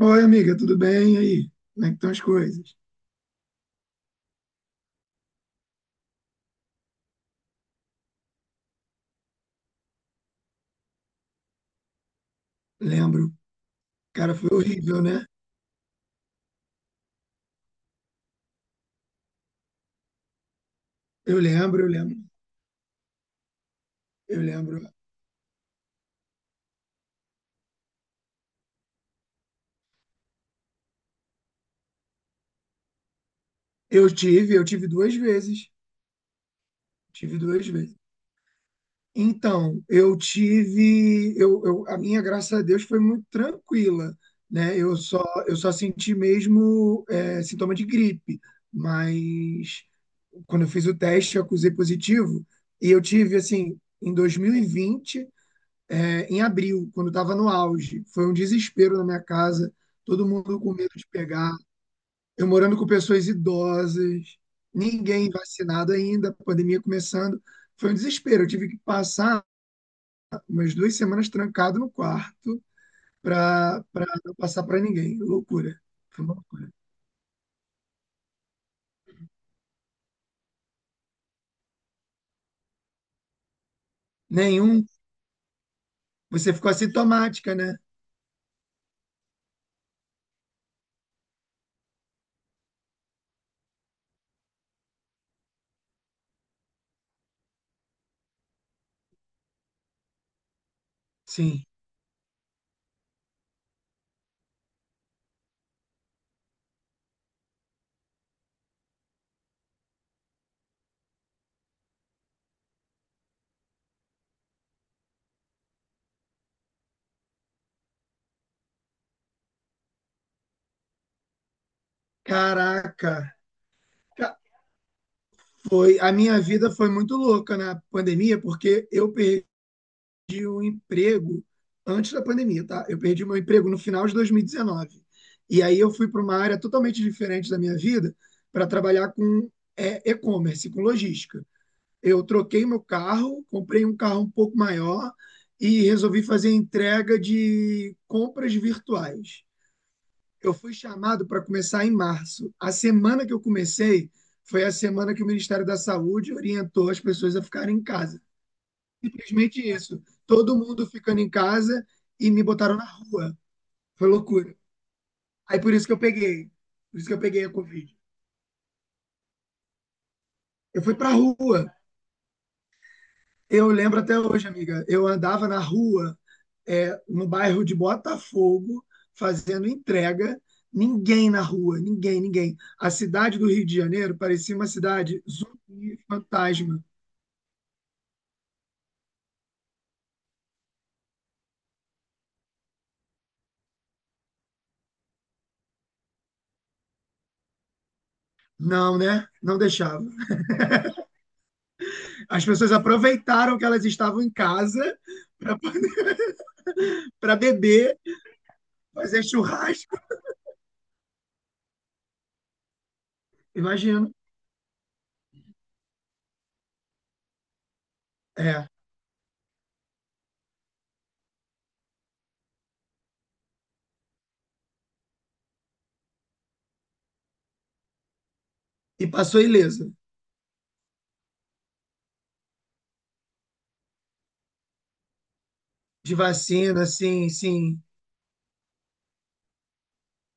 Oi, amiga, tudo bem? E aí? Como é que estão as coisas? Lembro. Cara, foi horrível, né? Eu lembro, eu lembro, eu lembro. Eu tive duas vezes. Tive duas vezes. Então, eu tive, a minha, graças a Deus, foi muito tranquila, né? Eu só senti mesmo sintoma de gripe, mas quando eu fiz o teste, eu acusei positivo e eu tive, assim, em 2020 em abril, quando estava no auge. Foi um desespero na minha casa, todo mundo com medo de pegar. Eu morando com pessoas idosas, ninguém vacinado ainda, a pandemia começando. Foi um desespero. Eu tive que passar umas duas semanas trancado no quarto para não passar para ninguém. Loucura. Foi uma loucura. Nenhum. Você ficou assintomática, né? Sim. Caraca. Ca- Foi, a minha vida foi muito louca na pandemia, porque eu perdi o emprego antes da pandemia, tá? Eu perdi meu emprego no final de 2019. E dezenove. E aí eu fui para uma área totalmente diferente da minha vida para trabalhar com e-commerce, com logística. Eu troquei meu carro, comprei um carro um pouco maior e resolvi fazer entrega de compras virtuais. Eu fui chamado para começar em março. A semana que eu comecei foi a semana que o Ministério da Saúde orientou as pessoas a ficarem em casa. Simplesmente isso. Todo mundo ficando em casa e me botaram na rua. Foi loucura. Aí por isso que eu peguei. Por isso que eu peguei a Covid. Eu fui pra rua. Eu lembro até hoje, amiga. Eu andava na rua, no bairro de Botafogo, fazendo entrega. Ninguém na rua, ninguém, ninguém. A cidade do Rio de Janeiro parecia uma cidade zumbi, fantasma. Não, né? Não deixava. As pessoas aproveitaram que elas estavam em casa para beber fazer churrasco, imagino. É. E passou ilesa de vacina, assim, sim.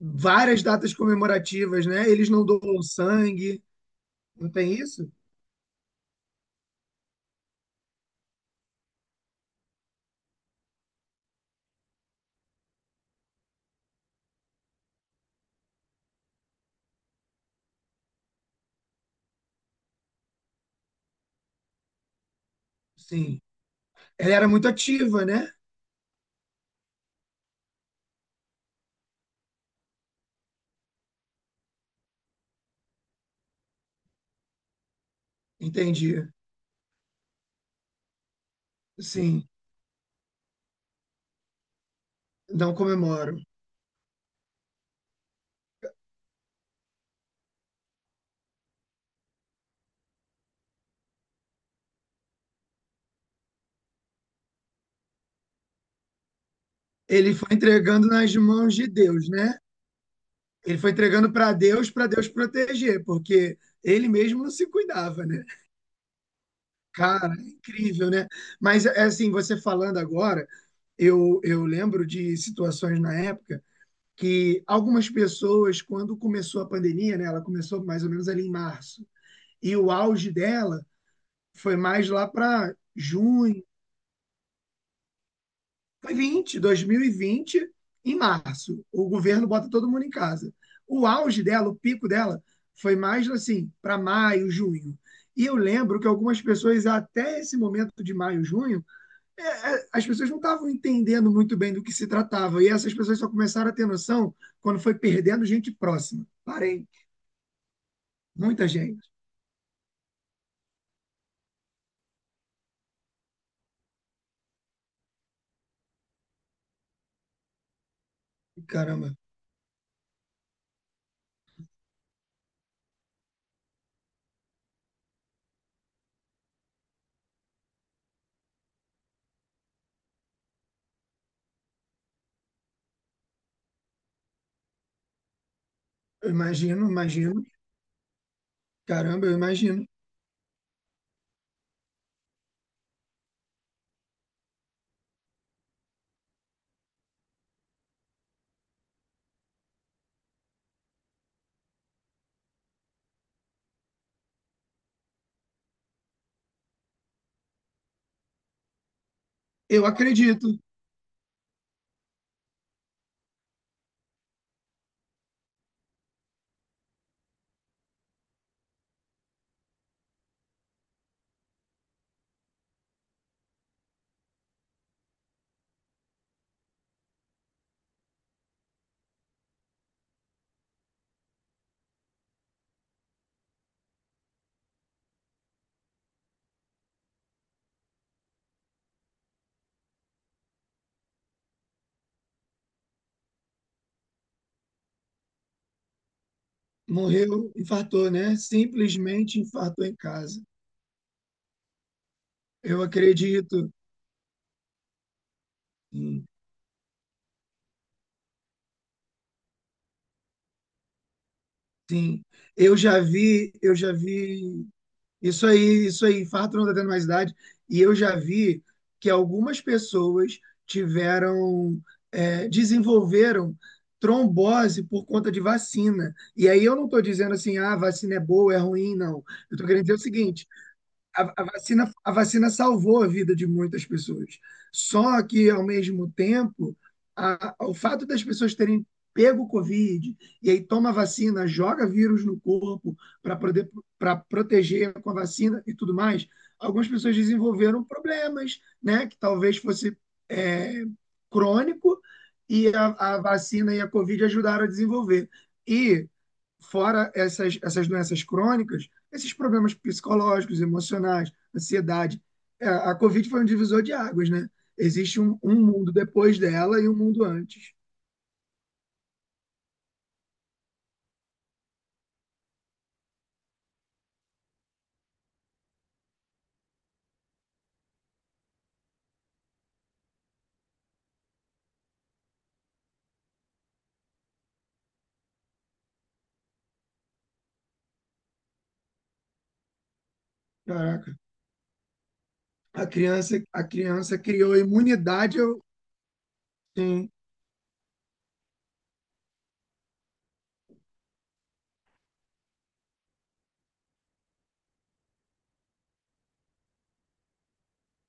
Várias datas comemorativas, né? Eles não doam sangue, não tem isso? Sim. Ela era muito ativa, né? Entendi. Sim, não comemoro. Ele foi entregando nas mãos de Deus, né? Ele foi entregando para Deus proteger, porque ele mesmo não se cuidava, né? Cara, é incrível, né? Mas é assim, você falando agora, eu lembro de situações na época que algumas pessoas, quando começou a pandemia, né, ela começou mais ou menos ali em março, e o auge dela foi mais lá para junho, foi 2020, em março. O governo bota todo mundo em casa. O auge dela, o pico dela, foi mais assim, para maio, junho. E eu lembro que algumas pessoas, até esse momento de maio, junho, é, as pessoas não estavam entendendo muito bem do que se tratava. E essas pessoas só começaram a ter noção quando foi perdendo gente próxima, parente. Muita gente. Caramba, eu imagino, imagino. Caramba, eu imagino. Eu acredito. Morreu, infartou, né? Simplesmente infartou em casa. Eu acredito. Sim, sim. Eu já vi, eu já vi. Isso aí, infarto não está tendo mais idade. E eu já vi que algumas pessoas tiveram, desenvolveram trombose por conta de vacina. E aí eu não estou dizendo assim, ah, vacina é boa, é ruim, não. Eu estou querendo dizer o seguinte: a vacina salvou a vida de muitas pessoas. Só que, ao mesmo tempo, o fato das pessoas terem pego o Covid e aí toma a vacina, joga vírus no corpo para poder para proteger com a vacina e tudo mais, algumas pessoas desenvolveram problemas, né? Que talvez fosse é, crônico e a vacina e a Covid ajudaram a desenvolver. E fora essas doenças crônicas, esses problemas psicológicos, emocionais, ansiedade. É, a Covid foi um divisor de águas, né? Existe um mundo depois dela e um mundo antes. Caraca, a criança criou imunidade. Sim,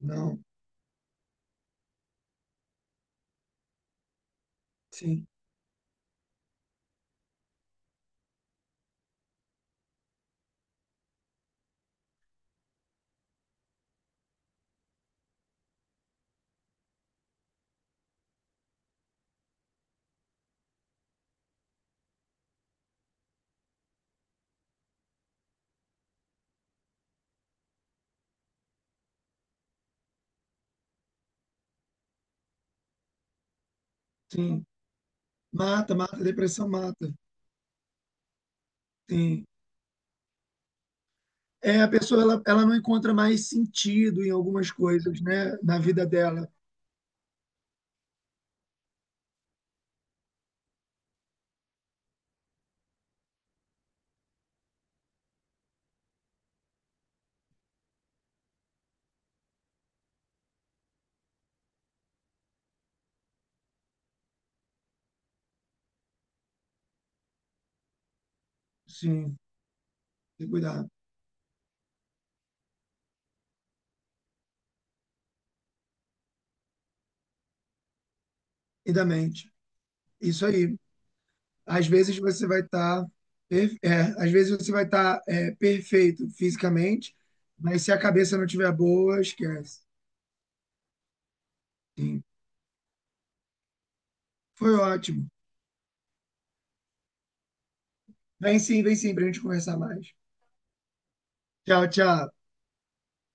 não, sim, sim. Mata, mata, depressão mata. Sim. É, a pessoa ela não encontra mais sentido em algumas coisas, né? Na vida dela. Sim, tem que cuidar. E da mente. Isso aí. Às vezes você vai estar, às vezes você vai estar perfeito fisicamente, mas se a cabeça não tiver boa, esquece. Sim. Foi ótimo. Vem sim, para a gente conversar mais. Tchau, tchau.